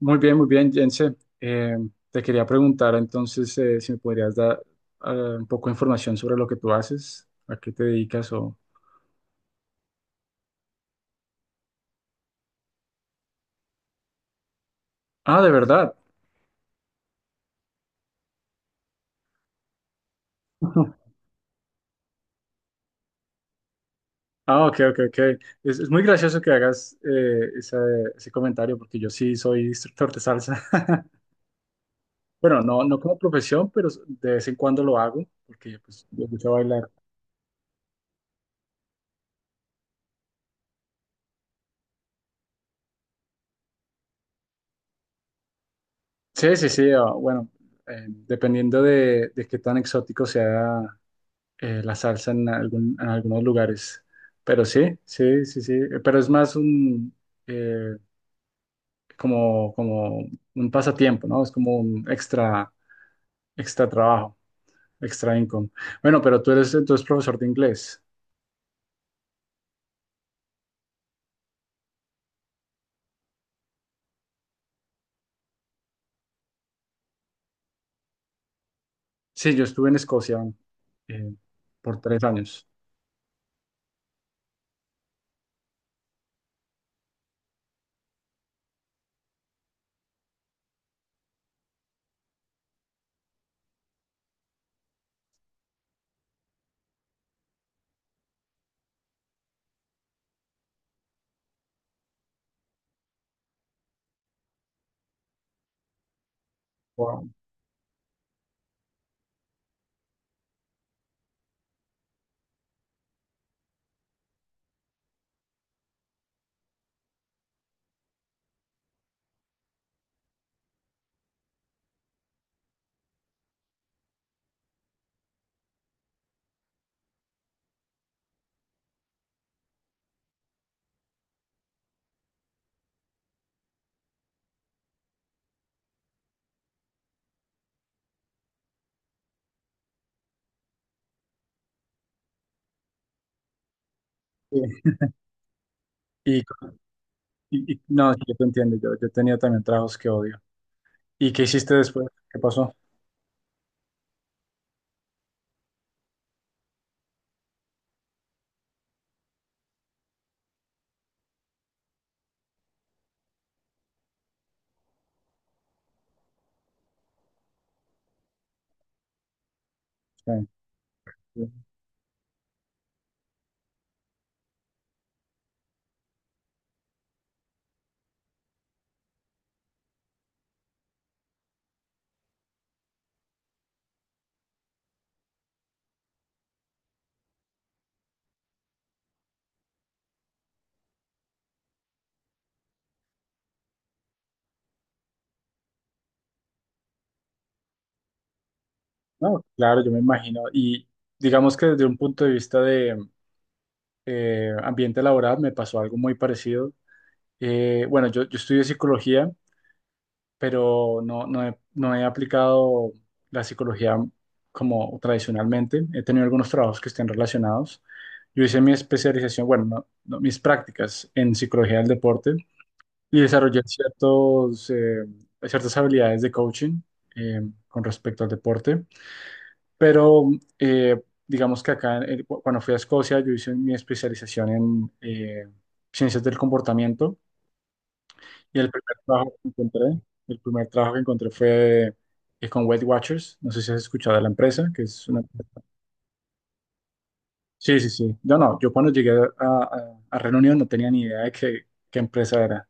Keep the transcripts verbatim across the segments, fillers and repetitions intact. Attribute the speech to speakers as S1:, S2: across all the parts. S1: Muy bien, muy bien, Jense. Eh, Te quería preguntar entonces eh, si me podrías dar eh, un poco de información sobre lo que tú haces, ¿a qué te dedicas o...? Ah, ¿de verdad? Ah, ok, ok, ok. Es, es muy gracioso que hagas eh, esa- ese comentario porque yo sí soy instructor de salsa. Bueno, no, no como profesión, pero de vez en cuando lo hago porque pues, me gusta bailar. Sí, sí, sí. Ah, bueno, eh, dependiendo de, de qué tan exótico sea eh, la salsa en, algún- en algunos lugares. Pero sí, sí, sí, sí. Pero es más un eh, como, como un pasatiempo, ¿no? Es como un extra, extra trabajo, extra income. Bueno, pero tú eres entonces profesor de inglés. Sí, yo estuve en Escocia eh, por tres años. Wow. Sí. Y, y- y- no, sí, yo te entiendo, yo, yo tenía también trabajos que odio. ¿Y qué hiciste después? ¿Qué pasó? Sí, sí. No, claro, yo me imagino. Y digamos que desde un punto de vista de eh, ambiente laboral me pasó algo muy parecido. Eh, bueno, yo, yo estudio psicología, pero no, no he, no he aplicado la psicología como tradicionalmente. He tenido algunos trabajos que estén relacionados. Yo hice mi especialización, bueno, no- no, mis prácticas en psicología del deporte y desarrollé ciertos, eh, ciertas habilidades de coaching eh, con respecto al deporte. Pero eh, digamos que acá, eh, cu- cuando fui a Escocia, yo hice mi especialización en eh, ciencias del comportamiento y el primer trabajo que encontré, el primer trabajo que encontré fue eh, con Weight Watchers. No sé si has escuchado de la empresa, que es una... Sí, sí, sí. No, no, yo cuando llegué a, a, a Reino Unido no tenía ni idea de qué, qué empresa era.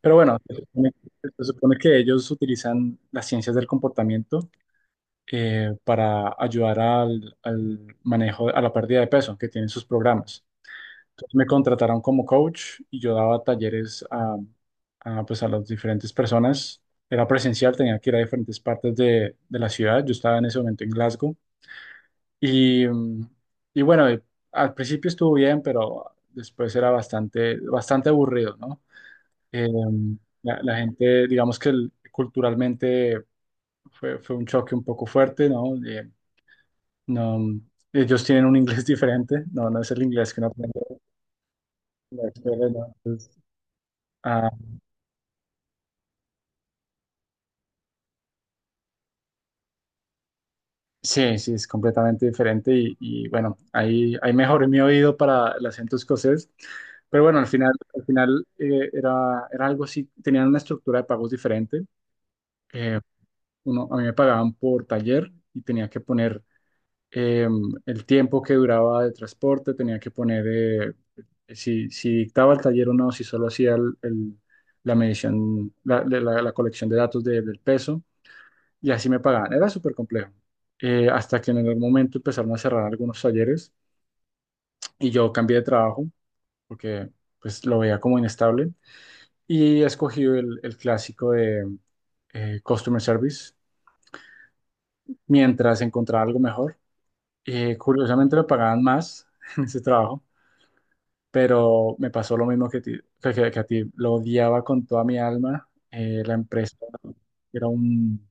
S1: Pero bueno, se supone, se supone que ellos utilizan las ciencias del comportamiento eh, para ayudar al, al manejo, a la pérdida de peso que tienen sus programas. Entonces me contrataron como coach y yo daba talleres a, a, pues a las diferentes personas. Era presencial, tenía que ir a diferentes partes de, de la ciudad. Yo estaba en ese momento en Glasgow. Y, mm, y bueno, eh, al principio estuvo bien, pero después era bastante, bastante aburrido, ¿no? Eh, mm, la, la gente, digamos que el- culturalmente fue, fue un choque un poco fuerte, ¿no? Eh, no, ellos tienen un inglés diferente. No, no es el inglés que uno aprende en la escuela, ¿no? Entonces, ah, sí, sí, es completamente diferente. Y, y bueno, ahí, ahí mejoré mi oído para el acento escocés. Pero bueno, al final, al final eh, era, era algo así. Tenían una estructura de pagos diferente. Eh, Uno, a mí me pagaban por taller y tenía que poner eh, el tiempo que duraba de transporte, tenía que poner eh, si, si dictaba el taller o no, si solo hacía el- el- la medición, la, la- la- colección de datos de- del peso, y así me pagaban. Era súper complejo. Eh, hasta que en algún momento empezaron a cerrar algunos talleres y yo cambié de trabajo porque pues lo veía como inestable y escogí el, el clásico de eh, Customer Service mientras encontraba algo mejor. Eh, curiosamente me pagaban más en ese trabajo pero me pasó lo mismo que, ti- que, que- que a ti. Lo odiaba con toda mi alma. Eh, la empresa era un,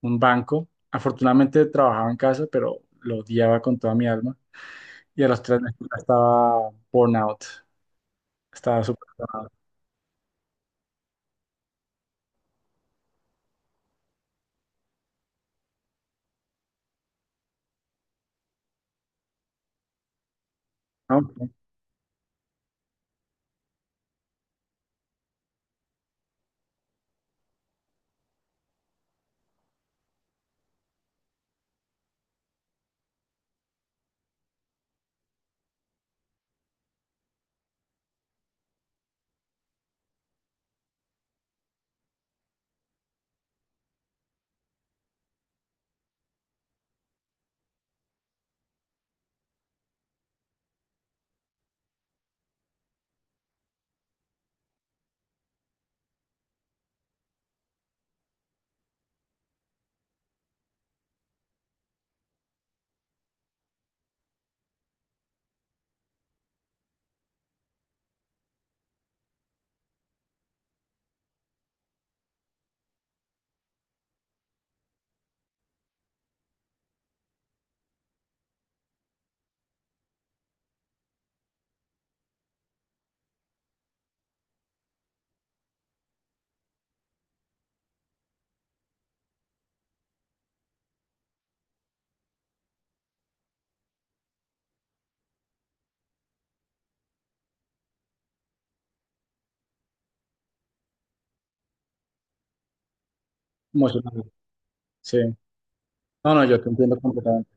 S1: un banco. Afortunadamente trabajaba en casa, pero lo odiaba con toda mi alma. Y a los tres meses ya estaba born out. Estaba súper burnout, ¿no? Emocional. Sí. No, no, yo te entiendo completamente.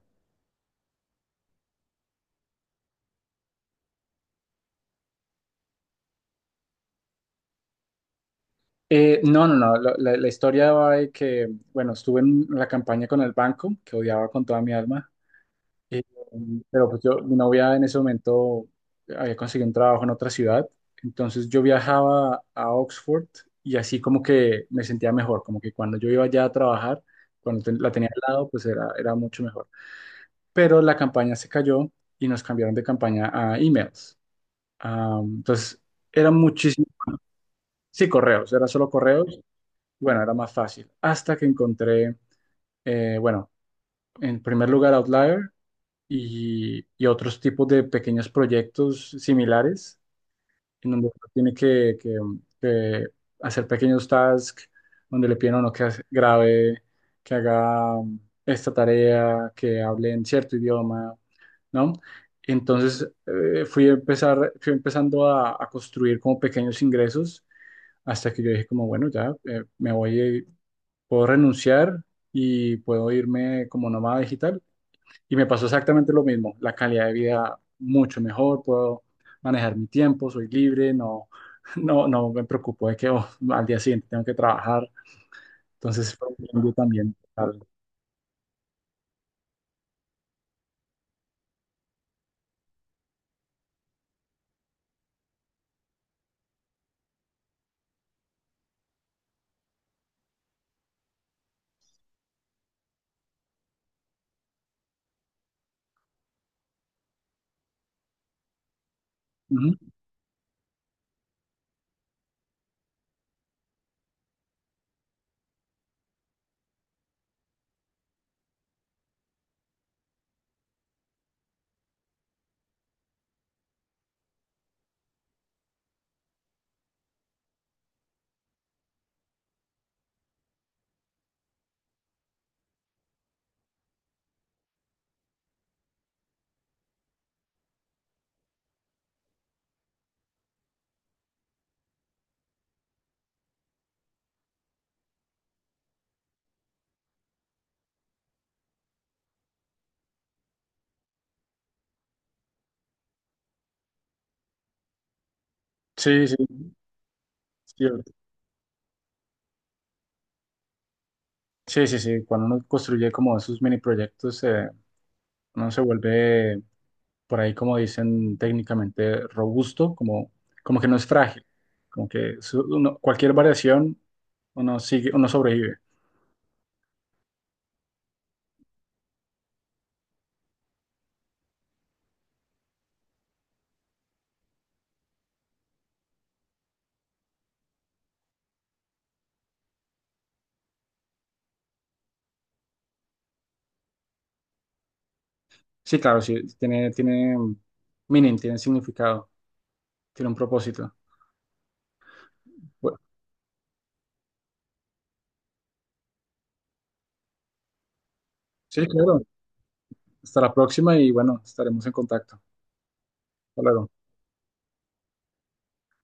S1: Eh, no, no, no. La, la- la historia va de que, bueno, estuve en la campaña con el banco, que odiaba con toda mi alma. Eh, pero pues yo, mi novia en ese momento había conseguido un trabajo en otra ciudad, entonces yo viajaba a Oxford y así como que me sentía mejor, como que cuando yo iba allá a trabajar, cuando ten- la tenía al lado, pues era, era mucho mejor. Pero la campaña se cayó y nos cambiaron de campaña a emails. Ah, entonces eran muchísimos, sí, correos, era solo correos, bueno, era más fácil, hasta que encontré, eh, bueno, en primer lugar Outlier. Y, y otros tipos de pequeños proyectos similares, en donde uno tiene que, que, que hacer pequeños tasks, donde le piden a uno que hace- grabe, que haga um, esta tarea, que hable en cierto idioma, ¿no? Entonces eh, fui a empezar, fui empezando a, a construir como pequeños ingresos hasta que yo dije como, bueno, ya eh, me voy, eh, puedo renunciar y puedo irme como nómada digital y me pasó exactamente lo mismo, la calidad de vida mucho mejor, puedo manejar mi tiempo, soy libre, no, no, no me preocupo de que oh, al día siguiente tengo que trabajar. Entonces fue un cambio también total. Ujú. Sí, sí, sí, sí, sí, sí. Cuando uno construye como esos mini proyectos, eh, uno se vuelve, por ahí como dicen técnicamente, robusto, como, como que no es frágil, como que su- uno- cualquier variación uno sigue, uno sobrevive. Sí, claro, sí, tiene, tiene meaning, tiene significado, tiene un propósito. Bueno, sí, claro, hasta la próxima y bueno, estaremos en contacto. Hasta luego.